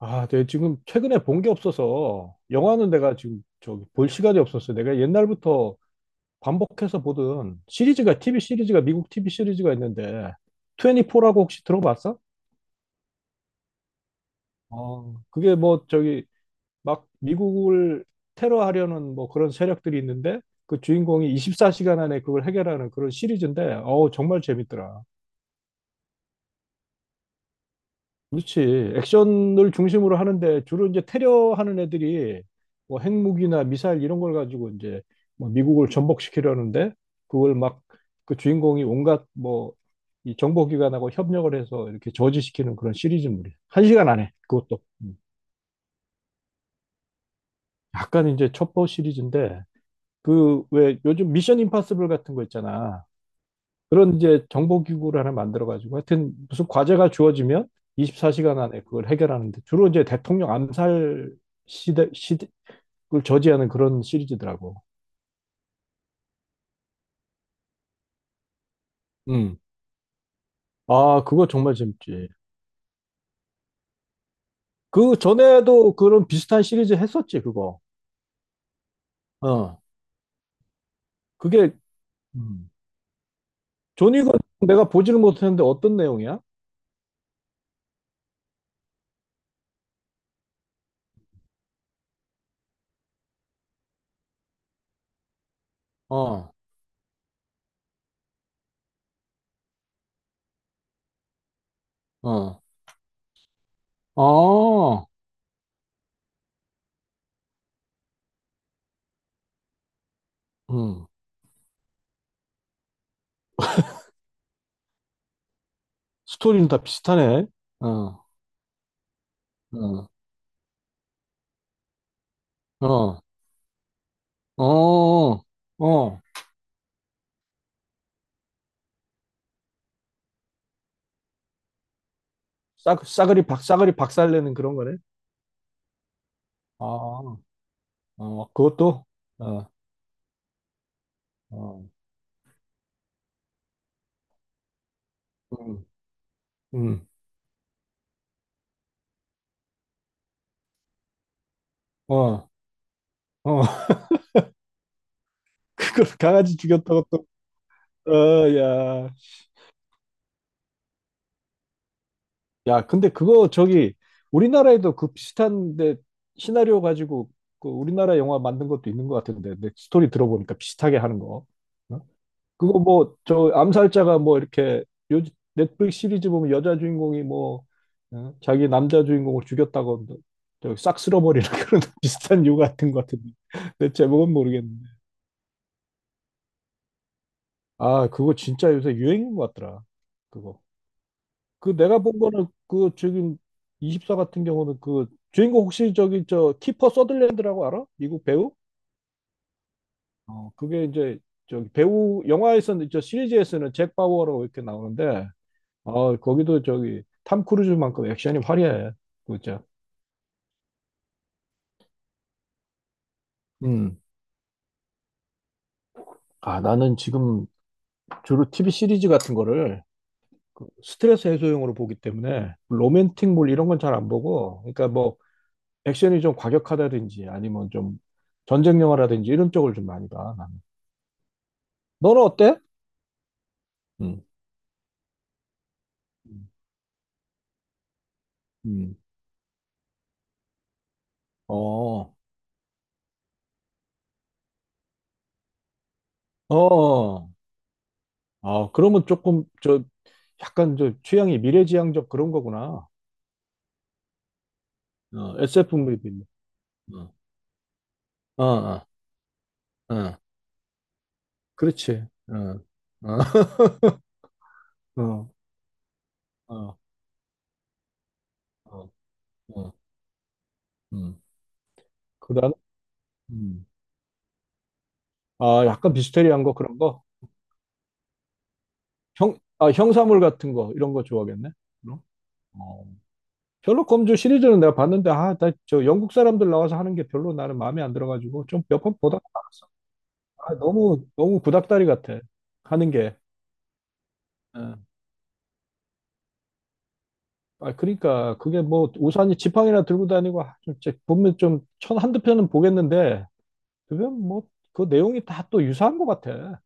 아, 내가 지금 최근에 본 게 없어서 영화는 내가 지금 저기 볼 시간이 없었어. 내가 옛날부터 반복해서 보던 시리즈가 TV 시리즈가 미국 TV 시리즈가 있는데 24라고 혹시 들어봤어? 어, 그게 뭐 저기 막 미국을 테러하려는 뭐 그런 세력들이 있는데 그 주인공이 24시간 안에 그걸 해결하는 그런 시리즈인데 어우 정말 재밌더라. 그렇지. 액션을 중심으로 하는데 주로 이제 테러하는 애들이 뭐 핵무기나 미사일 이런 걸 가지고 이제 뭐 미국을 전복시키려는데 그걸 막 그 주인공이 온갖 뭐 이 정보기관하고 협력을 해서 이렇게 저지시키는 그런 시리즈물이야. 한 시간 안에 그것도 약간 이제 첩보 시리즈인데 그 왜 요즘 미션 임파서블 같은 거 있잖아. 그런 이제 정보기구를 하나 만들어가지고 하여튼 무슨 과제가 주어지면 24시간 안에 그걸 해결하는데 주로 이제 대통령 암살 시대를 저지하는 그런 시리즈더라고. 음. 아, 그거 정말 재밌지. 그 전에도 그런 비슷한 시리즈 했었지, 그거. 어. 그게, 음. 존윅은 내가 보지를 못했는데 어떤 내용이야? 어, 어. 아, 음. 스토리는 다 비슷하네. 어, 어, 어, 어, 어. 싸그리 박살내는 그런 거네. 아, 어, 그것도, 어, 어, 음, 음. 어, 어. 그걸 강아지 죽였다고 또, 어, 야. 야, 근데 그거 저기, 우리나라에도 그 비슷한데, 시나리오 가지고, 그 우리나라 영화 만든 것도 있는 것 같은데, 내 스토리 들어보니까 비슷하게 하는 거. 어? 그거 뭐 저 암살자가 뭐 이렇게 요 넷플릭스 시리즈 보면 여자 주인공이 뭐 어? 자기 남자 주인공을 죽였다고 저싹 쓸어버리는 그런 비슷한 유 같은 것 같은데 내 제목은 모르겠는데 아 그거 진짜 요새 유행인 것 같더라 그거 그 내가 본 거는 그 지금 24 같은 경우는 그 주인공 혹시 저기 저 키퍼 서들랜드라고 알아? 미국 배우? 어 그게 이제 저기 배우 영화에서는 저 시리즈에서는 잭 바우어라고 이렇게 나오는데 아, 거기도 저기 탐 크루즈만큼 액션이 화려해. 진짜. 음. 아, 나는 지금 주로 TV 시리즈 같은 거를 그 스트레스 해소용으로 보기 때문에 로맨틱물 이런 건 잘 안 보고 그러니까 뭐 액션이 좀 과격하다든지 아니면 좀 전쟁 영화라든지 이런 쪽을 좀 많이 봐. 나는. 너는 어때? 음. 음. 음. 어. 어. 아, 그러면 조금 저 약간 저 취향이 미래지향적 그런 거구나. 어, SF 무비인데. 어. 어. 어. 그렇지. 어, 어, 어, 어, 어, 어, 음. 그다음, 음. 아, 약간 비스테리한 거 그런 거. 형, 아, 형사물 같은 거 이런 거 좋아하겠네. 그럼? 어. 셜록 홈즈 시리즈는 내가 봤는데 아, 나 저 영국 사람들 나와서 하는 게 별로 나는 마음에 안 들어가지고 좀 몇 번 보다가 말았어. 아, 너무 너무 구닥다리 같아. 하는 게. 어. 아, 그러니까 그게 뭐 우산이 지팡이나 들고 다니고 아, 좀 이제 보면 좀 천 한두 편은 보겠는데 그게 뭐 그 내용이 다 또 유사한 것 같아.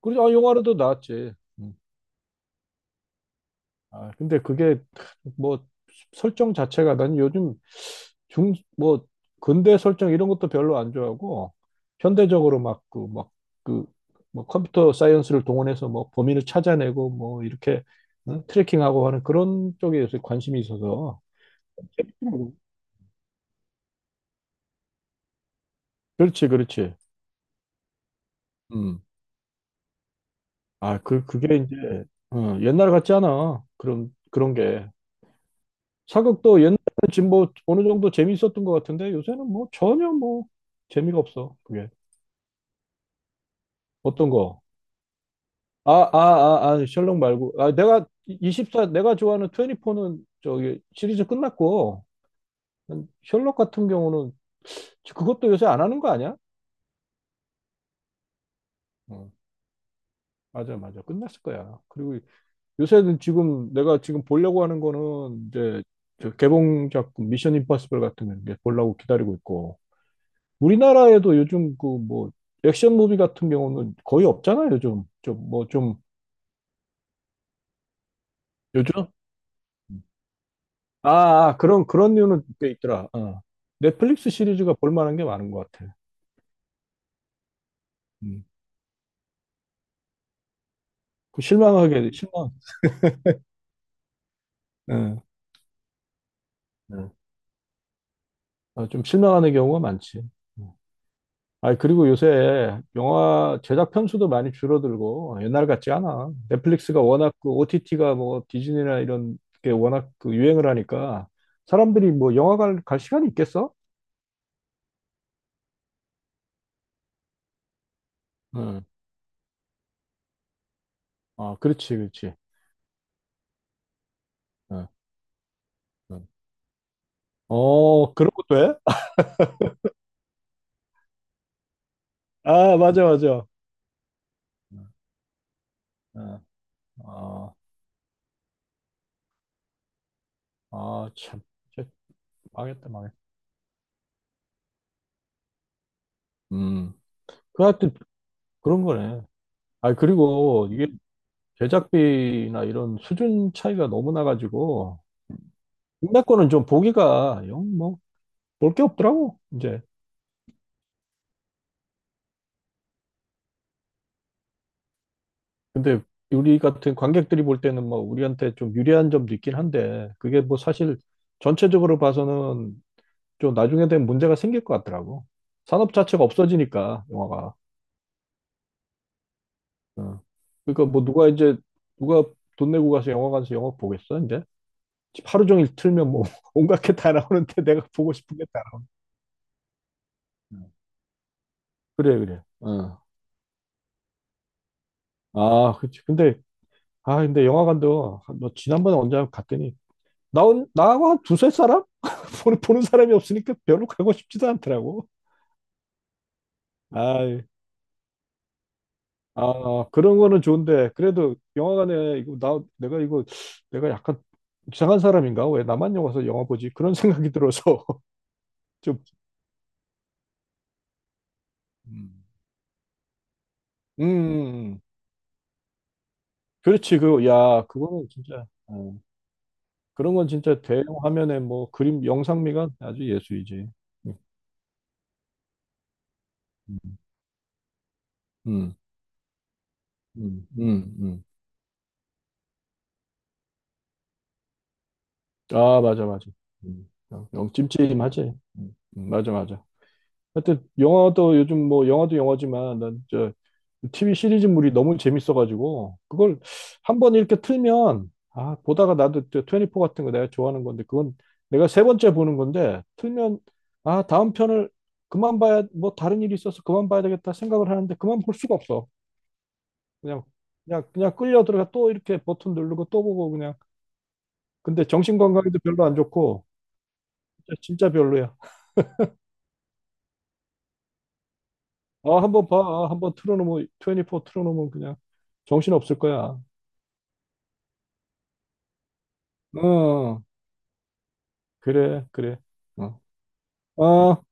그리고 아, 영화로도 나왔지. 음. 아, 근데 그게 뭐 설정 자체가 난 요즘 중, 뭐 근대 설정 이런 것도 별로 안 좋아하고 현대적으로 막 그 막 그 뭐 컴퓨터 사이언스를 동원해서 뭐 범인을 찾아내고 뭐 이렇게 응? 트래킹하고 하는 그런 쪽에 대해서 관심이 있어서 재밌더라고. 그렇지, 그렇지. 음. 아, 그 그게 이제 어, 옛날 같지 않아. 그런 그런 게. 사극도 옛날에는 지금 뭐 어느 정도 재미있었던 것 같은데 요새는 뭐 전혀 뭐 재미가 없어. 그게 어떤 거? 아, 아, 아, 아, 셜록 말고. 아, 내가 24 내가 좋아하는 24는 저기 시리즈 끝났고 셜록 같은 경우는 그것도 요새 안 하는 거 아니야? 어, 맞아, 맞아. 끝났을 거야. 그리고 요새는 지금 내가 지금 보려고 하는 거는 이제 저 개봉 작품 미션 임파서블 같은 거 이제 보려고 기다리고 있고 우리나라에도 요즘 그 뭐 액션 무비 같은 경우는 거의 없잖아요. 요즘 좀 뭐 좀 요즘 아, 아, 그런 그런 류는 꽤 있더라. 어. 넷플릭스 시리즈가 볼 만한 게 많은 것 같아. 음. 그 실망하게 실망. 예, 예. 아, 좀 실망하는 경우가 많지. 음. 아, 그리고 요새 영화 제작 편수도 많이 줄어들고 옛날 같지 않아. 넷플릭스가 워낙 그 OTT가 뭐 디즈니나 이런 게 워낙 그 유행을 하니까 사람들이 뭐 영화관 갈 시간이 있겠어? 아, 그렇지, 그렇지. 어, 어, 어, 그런 것도 해? 아, 맞아, 맞아. 어, 어, 아, 아, 참. 진짜 망했다, 망했다. 음, 그 하여튼 그런 거네. 아, 그리고 이게 제작비나 이런 수준 차이가 너무 나가지고, 국내 거는 좀 보기가 영, 뭐, 볼 게 없더라고, 이제. 근데 우리 같은 관객들이 볼 때는 뭐, 우리한테 좀 유리한 점도 있긴 한데, 그게 뭐 사실 전체적으로 봐서는 좀 나중에 되면 문제가 생길 것 같더라고. 산업 자체가 없어지니까 영화가. 어. 그러니까 뭐 누가 이제 누가 돈 내고 가서 영화관에서 영화 보겠어 이제? 집 하루 종일 틀면 뭐 온갖 게 다 나오는데 내가 보고 싶은 게 다 나와. 어. 그래 그래. 어. 아 그치. 근데 아 근데 영화관도 한- 너 지난번에 언제 갔더니 나온 나하고 한 두세 사람 보는 사람이 없으니까 별로 가고 싶지도 않더라고. 아 아, 그런 거는 좋은데, 그래도 영화관에, 이거, 나, 내가 이거, 내가 약간 이상한 사람인가? 왜 나만 영화 가서 영화 보지? 그런 생각이 들어서, 좀, 음. 음, 음. 그렇지, 그, 야, 그거는 진짜, 어, 그런 건 진짜 대형 화면에 뭐, 그림, 영상미가 아주 예술이지. 음, 음. 음, 음, 음. 음. 아, 맞아, 맞아. 영, 영 찜찜하지? 맞아, 맞아. 하여튼 영화도 요즘 뭐 영화도 영화지만 난 저 TV 시리즈물이 너무 재밌어가지고 그걸 한번 이렇게 틀면 아 보다가 나도 저24 같은 거 내가 좋아하는 건데 그건 내가 세 번째 보는 건데 틀면 아 다음 편을 그만 봐야 뭐 다른 일이 있어서 그만 봐야 되겠다 생각을 하는데 그만 볼 수가 없어 그냥 그냥 그냥 끌려 들어가 또 이렇게 버튼 누르고 또 보고 그냥 근데 정신 건강에도 별로 안 좋고 진짜 진짜 별로야 아, 한번 봐. 아, 한번 틀어놓으면, 24 틀어놓으면 그냥 정신 없을 거야. 어, 그래, 그래. 어. 어.